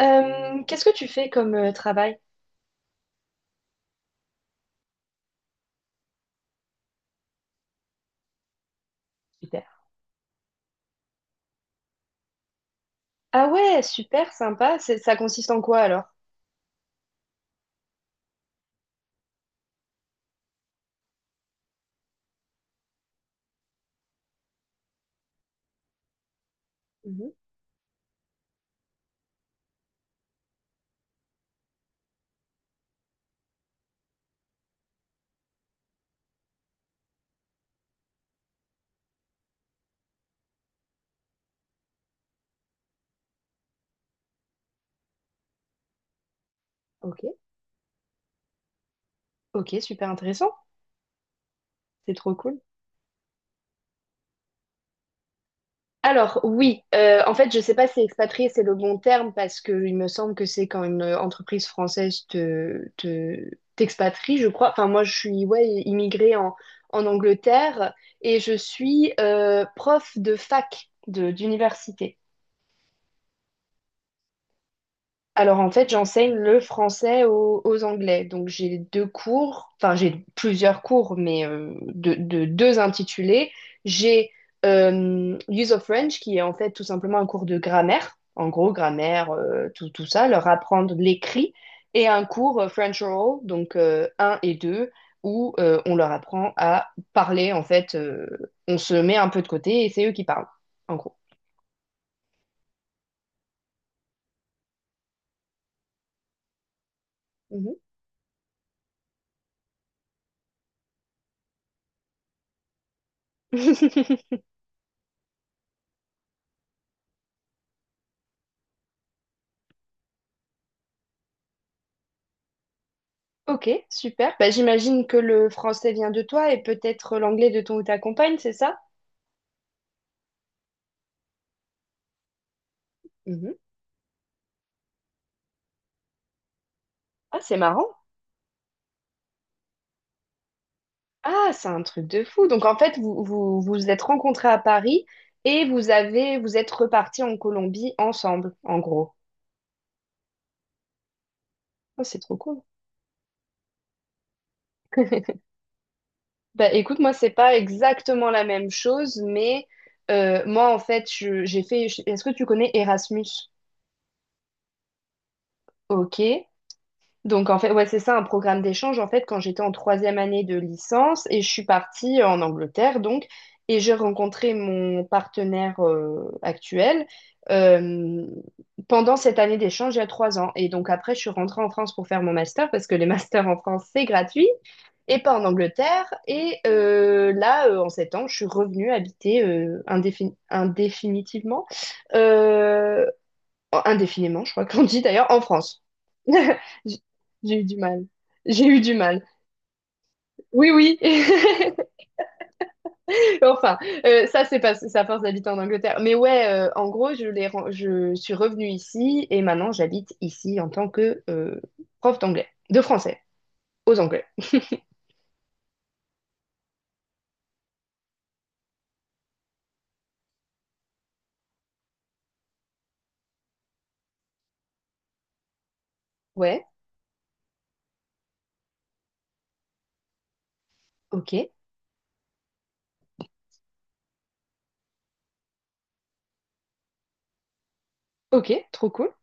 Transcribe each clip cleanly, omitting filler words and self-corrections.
Qu'est-ce que tu fais comme travail? Super. Ah ouais, super sympa. C'est- Ça consiste en quoi alors? Mhm, ok. Ok, super intéressant. C'est trop cool. Alors oui, en fait, je sais pas si expatrié c'est le bon terme parce que il me semble que c'est quand une entreprise française t'expatrie, je crois. Enfin, moi, je suis ouais, immigrée en, en Angleterre et je suis prof de fac d'université. Alors en fait, j'enseigne le français aux Anglais. Donc j'ai deux cours, enfin j'ai plusieurs cours, mais deux intitulés. J'ai Use of French, qui est en fait tout simplement un cours de grammaire, en gros grammaire, tout ça, leur apprendre l'écrit, et un cours French Oral, donc un et 2, où on leur apprend à parler. En fait, on se met un peu de côté et c'est eux qui parlent, en gros. Mhm. Ok, super. Bah, j'imagine que le français vient de toi et peut-être l'anglais de ton ou ta compagne, c'est ça? Mhm. Ah, c'est marrant. Ah, c'est un truc de fou. Donc en fait, vous êtes rencontrés à Paris et vous êtes repartis en Colombie ensemble, en gros. Ah, c'est trop cool. Bah, écoute, moi, c'est pas exactement la même chose, mais moi, en fait, Est-ce que tu connais Erasmus? Ok. Donc, en fait, ouais, c'est ça, un programme d'échange, en fait, quand j'étais en troisième année de licence et je suis partie en Angleterre, donc, et j'ai rencontré mon partenaire actuel euh, pendant cette année d'échange il y a trois ans. Et donc, après, je suis rentrée en France pour faire mon master parce que les masters en France, c'est gratuit et pas en Angleterre. Et en sept ans, je suis revenue habiter indéfinitivement euh, indéfiniment, je crois qu'on dit d'ailleurs, en France. J'ai j'ai eu du mal. J'ai eu du mal. Oui, oui. Enfin, ça, c'est parce que c'est à force d'habiter en Angleterre. Mais ouais, en gros, je suis revenue ici et maintenant j'habite ici en tant que prof d'anglais, de français, aux Anglais. Ouais, ok, ok, trop cool.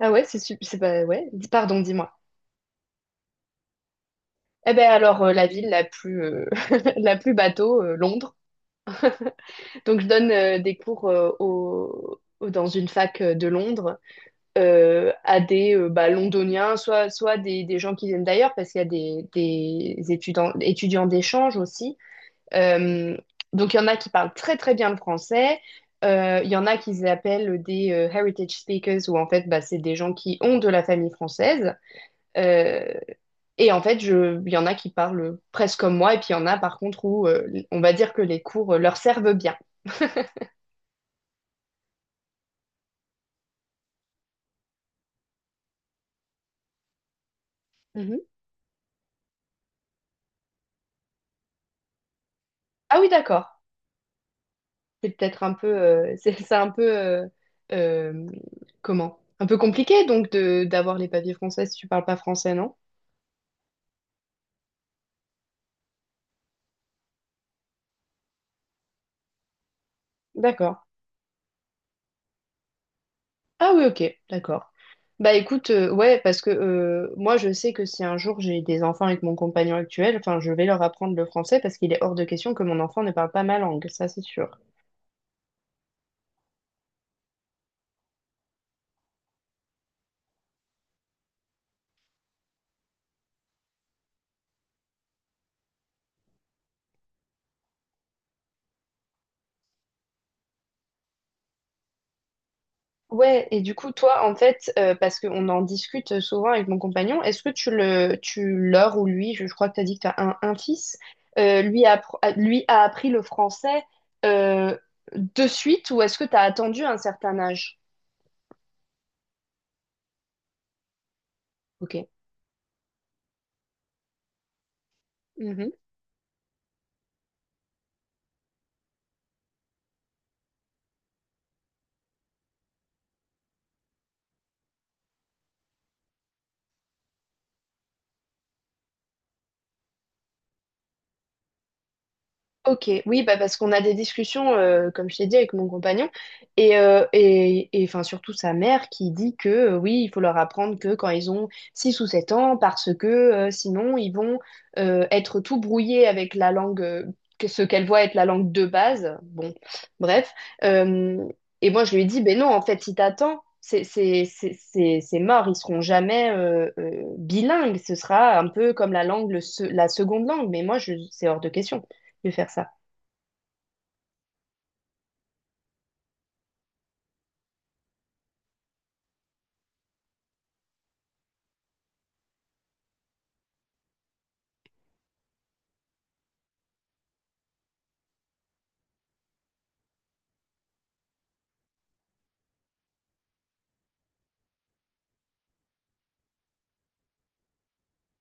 Ah ouais, c'est su- c'est pas ouais. dis- Pardon, dis-moi. Eh ben alors, la ville la plus la plus bateau, Londres. Donc, je donne des cours dans une fac de Londres à des bah, londoniens, soit, soit des gens qui viennent d'ailleurs, parce qu'il y a des étudiants, étudiants d'échange aussi. Euh, donc, il y en a qui parlent très, très bien le français. Il y en a qui s'appellent des heritage speakers, où en fait, bah, c'est des gens qui ont de la famille française. Euh, et en fait, il y en a qui parlent presque comme moi, et puis il y en a par contre où on va dire que les cours leur servent bien. Ah oui, d'accord. C'est peut-être un peu, c'est c'est un peu, euh, comment? Un peu compliqué donc de d'avoir les papiers français si tu parles pas français, non? D'accord. Ah oui, ok, d'accord. Bah écoute, ouais, parce que moi je sais que si un jour j'ai des enfants avec mon compagnon actuel, enfin je vais leur apprendre le français parce qu'il est hors de question que mon enfant ne parle pas ma langue, ça c'est sûr. Ouais, et du coup, toi, en fait, parce qu'on en discute souvent avec mon compagnon, est-ce que tu le, tu leur ou lui, je crois que tu as dit que tu as un fils, lui a, lui a appris le français euh, de suite ou est-ce que tu as attendu un certain âge? Ok. Ok, oui, bah parce qu'on a des discussions, comme je t'ai dit, avec mon compagnon, enfin surtout sa mère qui dit que oui, il faut leur apprendre que quand ils ont 6 ou 7 ans, parce que sinon ils vont être tout brouillés avec la langue, que- ce qu'elle voit être la langue de base. Bon, bref. Euh, et moi je lui ai dit, ben non, en fait, si t'attends, c'est mort, ils seront jamais bilingues, ce sera un peu comme la langue, la seconde langue, mais moi je, c'est hors de question de faire ça.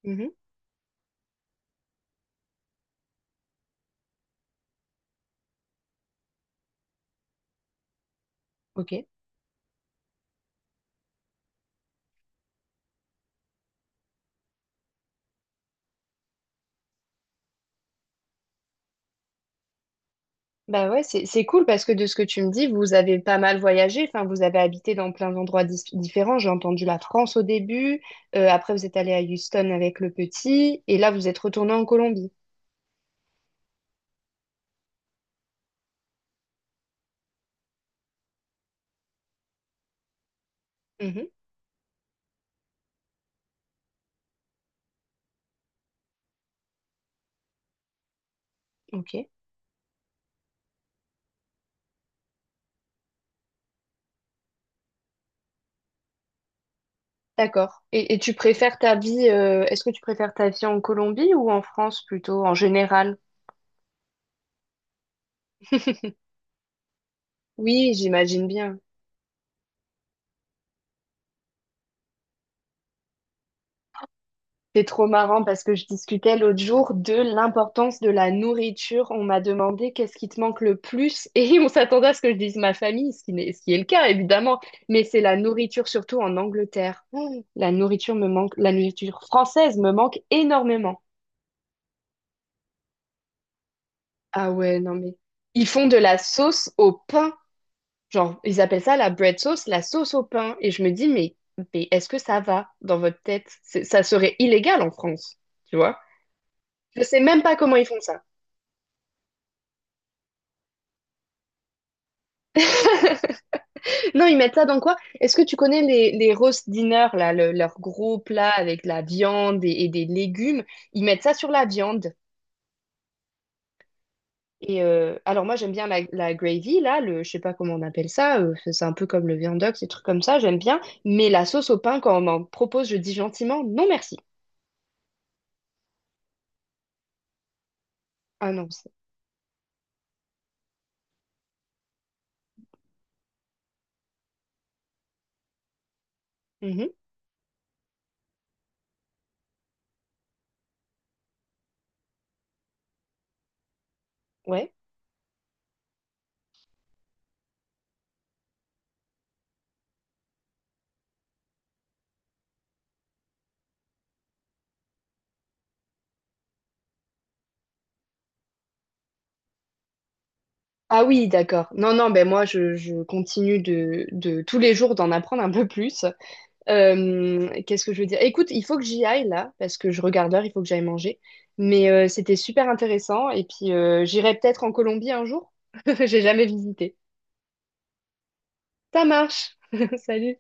Mhm. Ok. Bah ouais, c'est cool parce que de ce que tu me dis, vous avez pas mal voyagé, enfin vous avez habité dans plein d'endroits différents. J'ai entendu la France au début, après vous êtes allé à Houston avec le petit, et là vous êtes retourné en Colombie. Mhm, ok, d'accord. Et tu préfères ta vie, est-ce que tu préfères ta vie en Colombie ou en France plutôt, en général? Oui, j'imagine bien. C'est trop marrant parce que je discutais l'autre jour de l'importance de la nourriture. On m'a demandé qu'est-ce qui te manque le plus et on s'attendait à ce que je dise ma famille, ce qui n'est- ce qui est le cas évidemment, mais c'est la nourriture surtout en Angleterre. Mmh. La nourriture me manque, la nourriture française me manque énormément. Ah ouais, non mais ils font de la sauce au pain, genre ils appellent ça la bread sauce, la sauce au pain et je me dis mais est-ce que ça va dans votre tête? C'est- Ça serait illégal en France, tu vois? Je sais même pas comment ils font ça. Non, ils mettent ça dans quoi? Est-ce que tu connais les roast dinner, là, leur gros plat avec la viande et des légumes? Ils mettent ça sur la viande. Et alors moi j'aime bien la, la gravy, là, le, je sais pas comment on appelle ça, c'est c'est un peu comme le viandox, ces trucs comme ça, j'aime bien. Mais la sauce au pain, quand on m'en propose, je dis gentiment non merci. Ah non, c'est... Mhm, ouais. Ah oui, d'accord. Non, non, ben moi je continue de tous les jours d'en apprendre un peu plus. Qu'est-ce que je veux dire? Écoute, il faut que j'y aille là, parce que je regarde l'heure, il faut que j'aille manger. Mais c'était super intéressant. Et puis, j'irai peut-être en Colombie un jour. J'ai jamais visité. Ça marche. Salut.